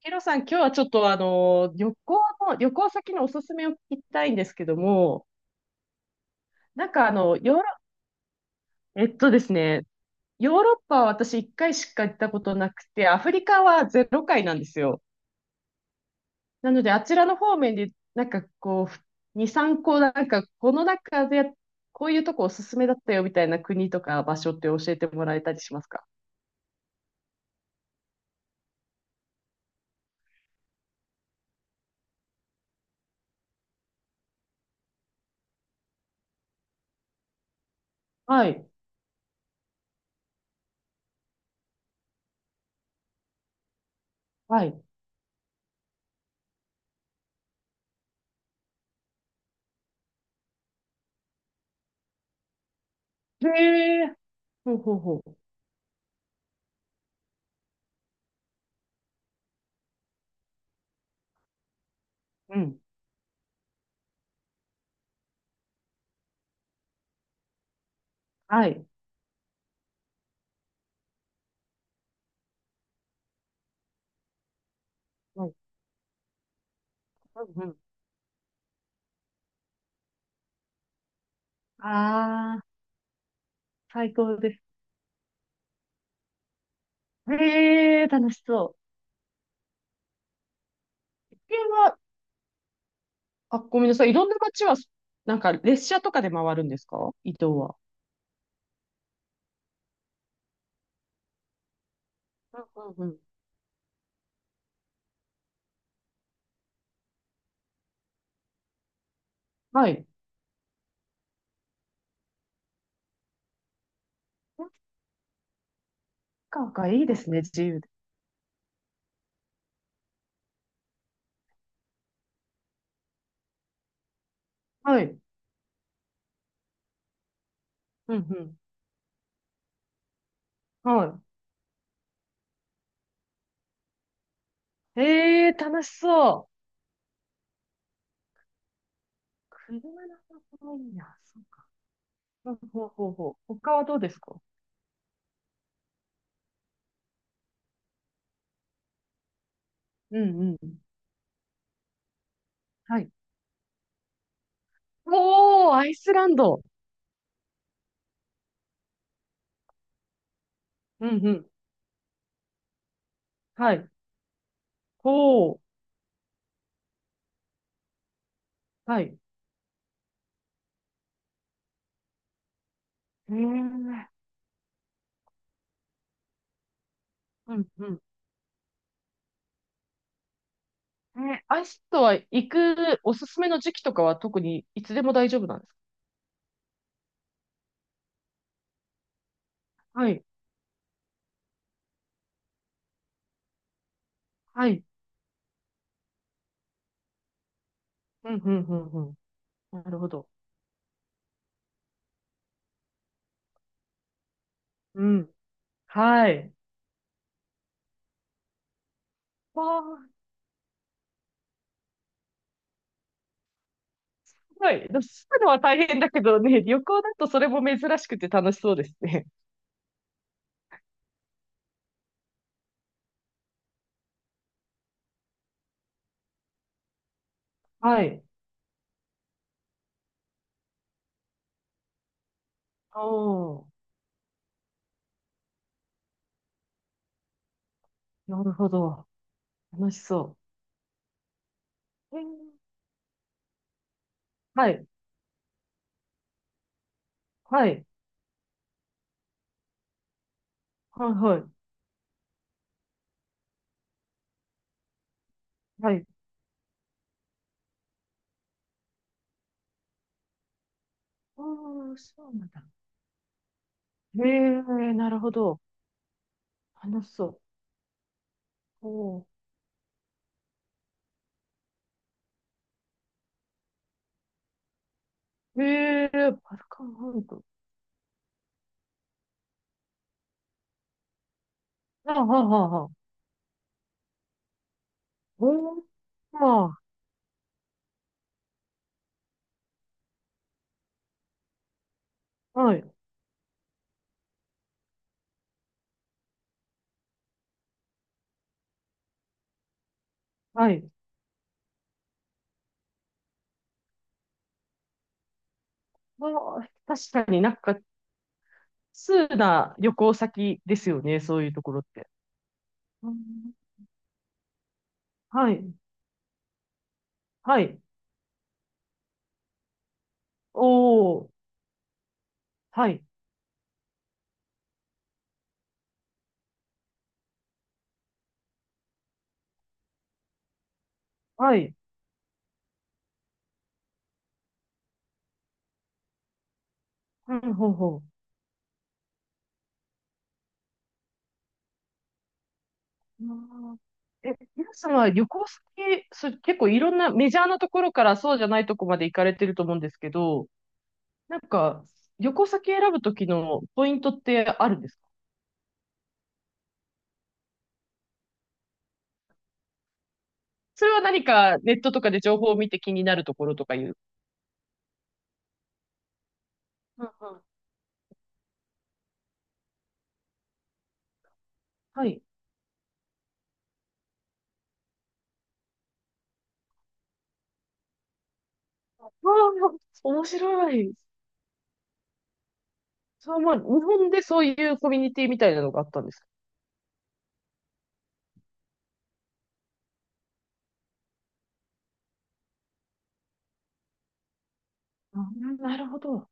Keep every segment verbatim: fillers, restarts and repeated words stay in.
ヒロさん、今日はちょっとあの、旅行の、旅行先のおすすめを聞きたいんですけども、なんかあの、ヨーロ、えっとですね、ヨーロッパは私一回しか行ったことなくて、アフリカはゼロ回なんですよ。なので、あちらの方面で、なんかこう、に、さんこ、なんかこの中で、こういうとこおすすめだったよみたいな国とか場所って教えてもらえたりしますか？はい。はい。へえ。ほうほうほう。うん。はい。はい。うんうん。ああ、最高です。へえ、楽しそう。これは、あ、ごめんなさい。いろんな街は、なんか列車とかで回るんですか？伊東は。う。んうんうん。はい。サッカーがいいですね、自由で。はい。うんうん。はい。ええ、楽しそう。車の方法いいな。そうか。ほうほうほうほう。他はどうですか？うんうん。はい。おー、アイスランド。うんうん。はい。ほう。はい。へえ。うんうん。え、アイスとは行くおすすめの時期とかは特にいつでも大丈夫なんですか？はい。はい。うん、うん、うん、うん。なるほど。うん。はい。わあ、すごい。でも住むのは大変だけどね、旅行だとそれも珍しくて楽しそうですね。はい。おー、なるほど。楽しそう。へー。はい。はい。はい、はい。はい。おー、そうなんだ。へえ、なるほど。楽しそう。おー。へえ、バルカン半島。あはあはあ。おー、まあー。はい、はい。まあー、確かになんか、通な旅行先ですよね、そういうところって。うん。はい、はい。おー、はい、はい。うん、ほうほう。あーえ、皆さんは旅行先、そ、結構いろんなメジャーなところからそうじゃないとこまで行かれてると思うんですけど、なんか、旅行先選ぶときのポイントってあるんですか？それは何かネットとかで情報を見て気になるところとかいう。うんうん。はい。わあ、面白い。そう、まあ、日本でそういうコミュニティみたいなのがあったんですか。あ、なるほど。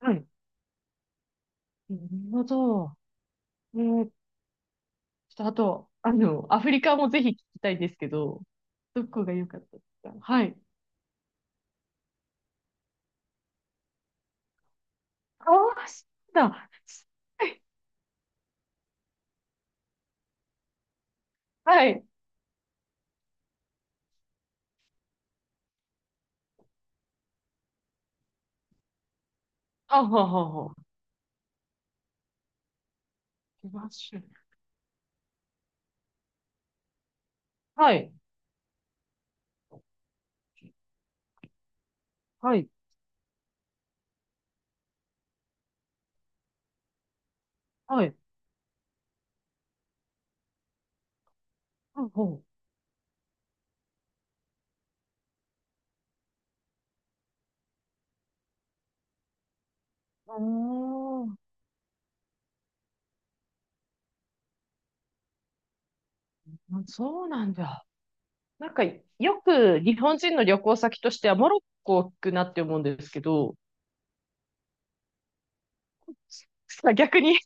はい。なるほど。えー、ちょっとあと、あの、アフリカもぜひ聞きたいんですけど、どこが良かったですか？はい。ああ、そうだ。はい。あははは。行きましょう。はい。はい。はい。ほうほう。ああ、そうなんだ。なんか、よく日本人の旅行先としてはモロッコ行くなって思うんですけど、逆に。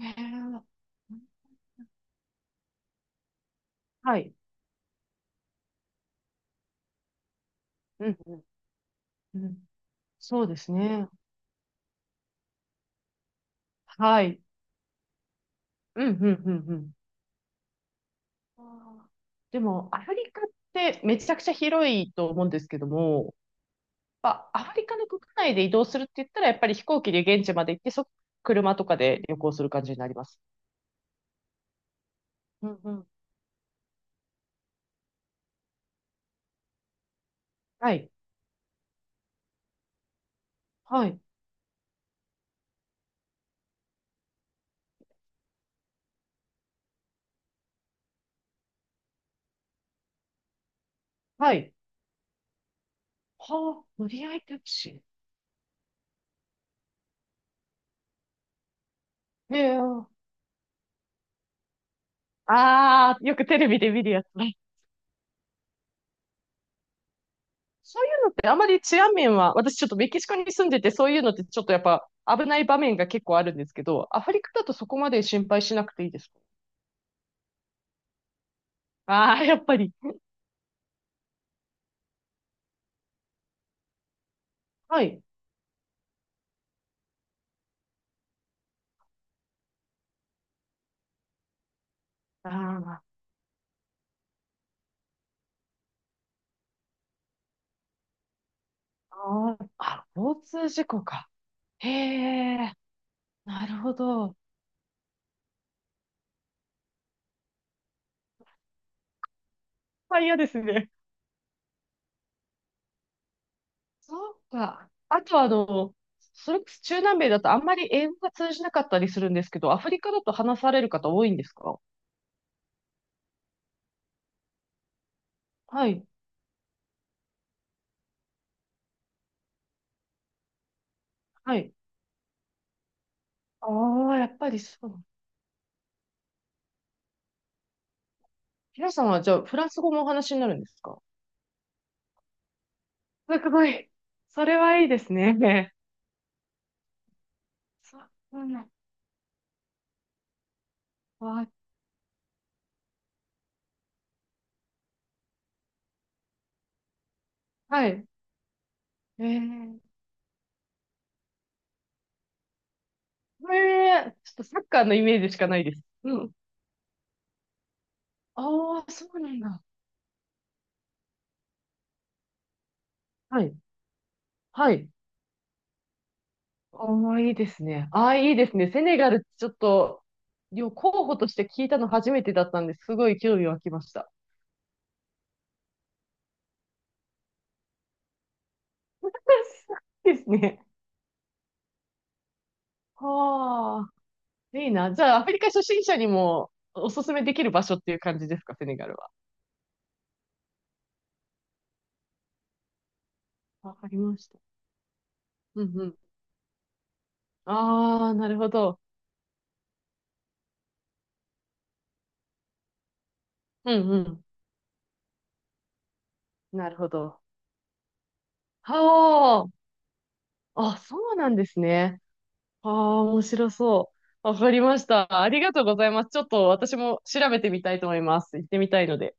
へー。はい。うん、うん、うん。そうですね。はい。うん、うん、うん、うん。あーでも、アフリカってめちゃくちゃ広いと思うんですけども、やっぱアフリカの国内で移動するって言ったら、やっぱり飛行機で現地まで行って、そ、車とかで旅行する感じになります。うんうん。はい。はい。はい。はあ、乗り合いタクシー。へえ。ああ、よくテレビで見るやつね。そういうのってあまり治安面は、私ちょっとメキシコに住んでて、そういうのってちょっとやっぱ危ない場面が結構あるんですけど、アフリカだとそこまで心配しなくていいですか？ああー、やっぱり。はい。あーあー、あ交通事故か。へえ、なるほど。まあ嫌ですね。そうか。あとあの、それこそ中南米だとあんまり英語が通じなかったりするんですけど、アフリカだと話される方多いんですか？はい、はい。ああ、やっぱりそう。皆さんはじゃあ、フランス語もお話になるんですか？すごい。それはいいですね。そうん。わ、はい。えー、これ、ちょっとサッカーのイメージしかないです。うん。ああ、そうなんだ。はい。はい。ああ、いいですね。ああ、いいですね。セネガルちょっと、よ候補として聞いたの初めてだったんですごい興味湧きました。ですね。はあ、いいな。じゃあ、アフリカ初心者にもおすすめできる場所っていう感じですか、セネガルは。わかりました。うんうん。ああ、なるほど。うんうん。なるほど。はあ。あ、そうなんですね。ああ、面白そう。わかりました。ありがとうございます。ちょっと私も調べてみたいと思います。行ってみたいので。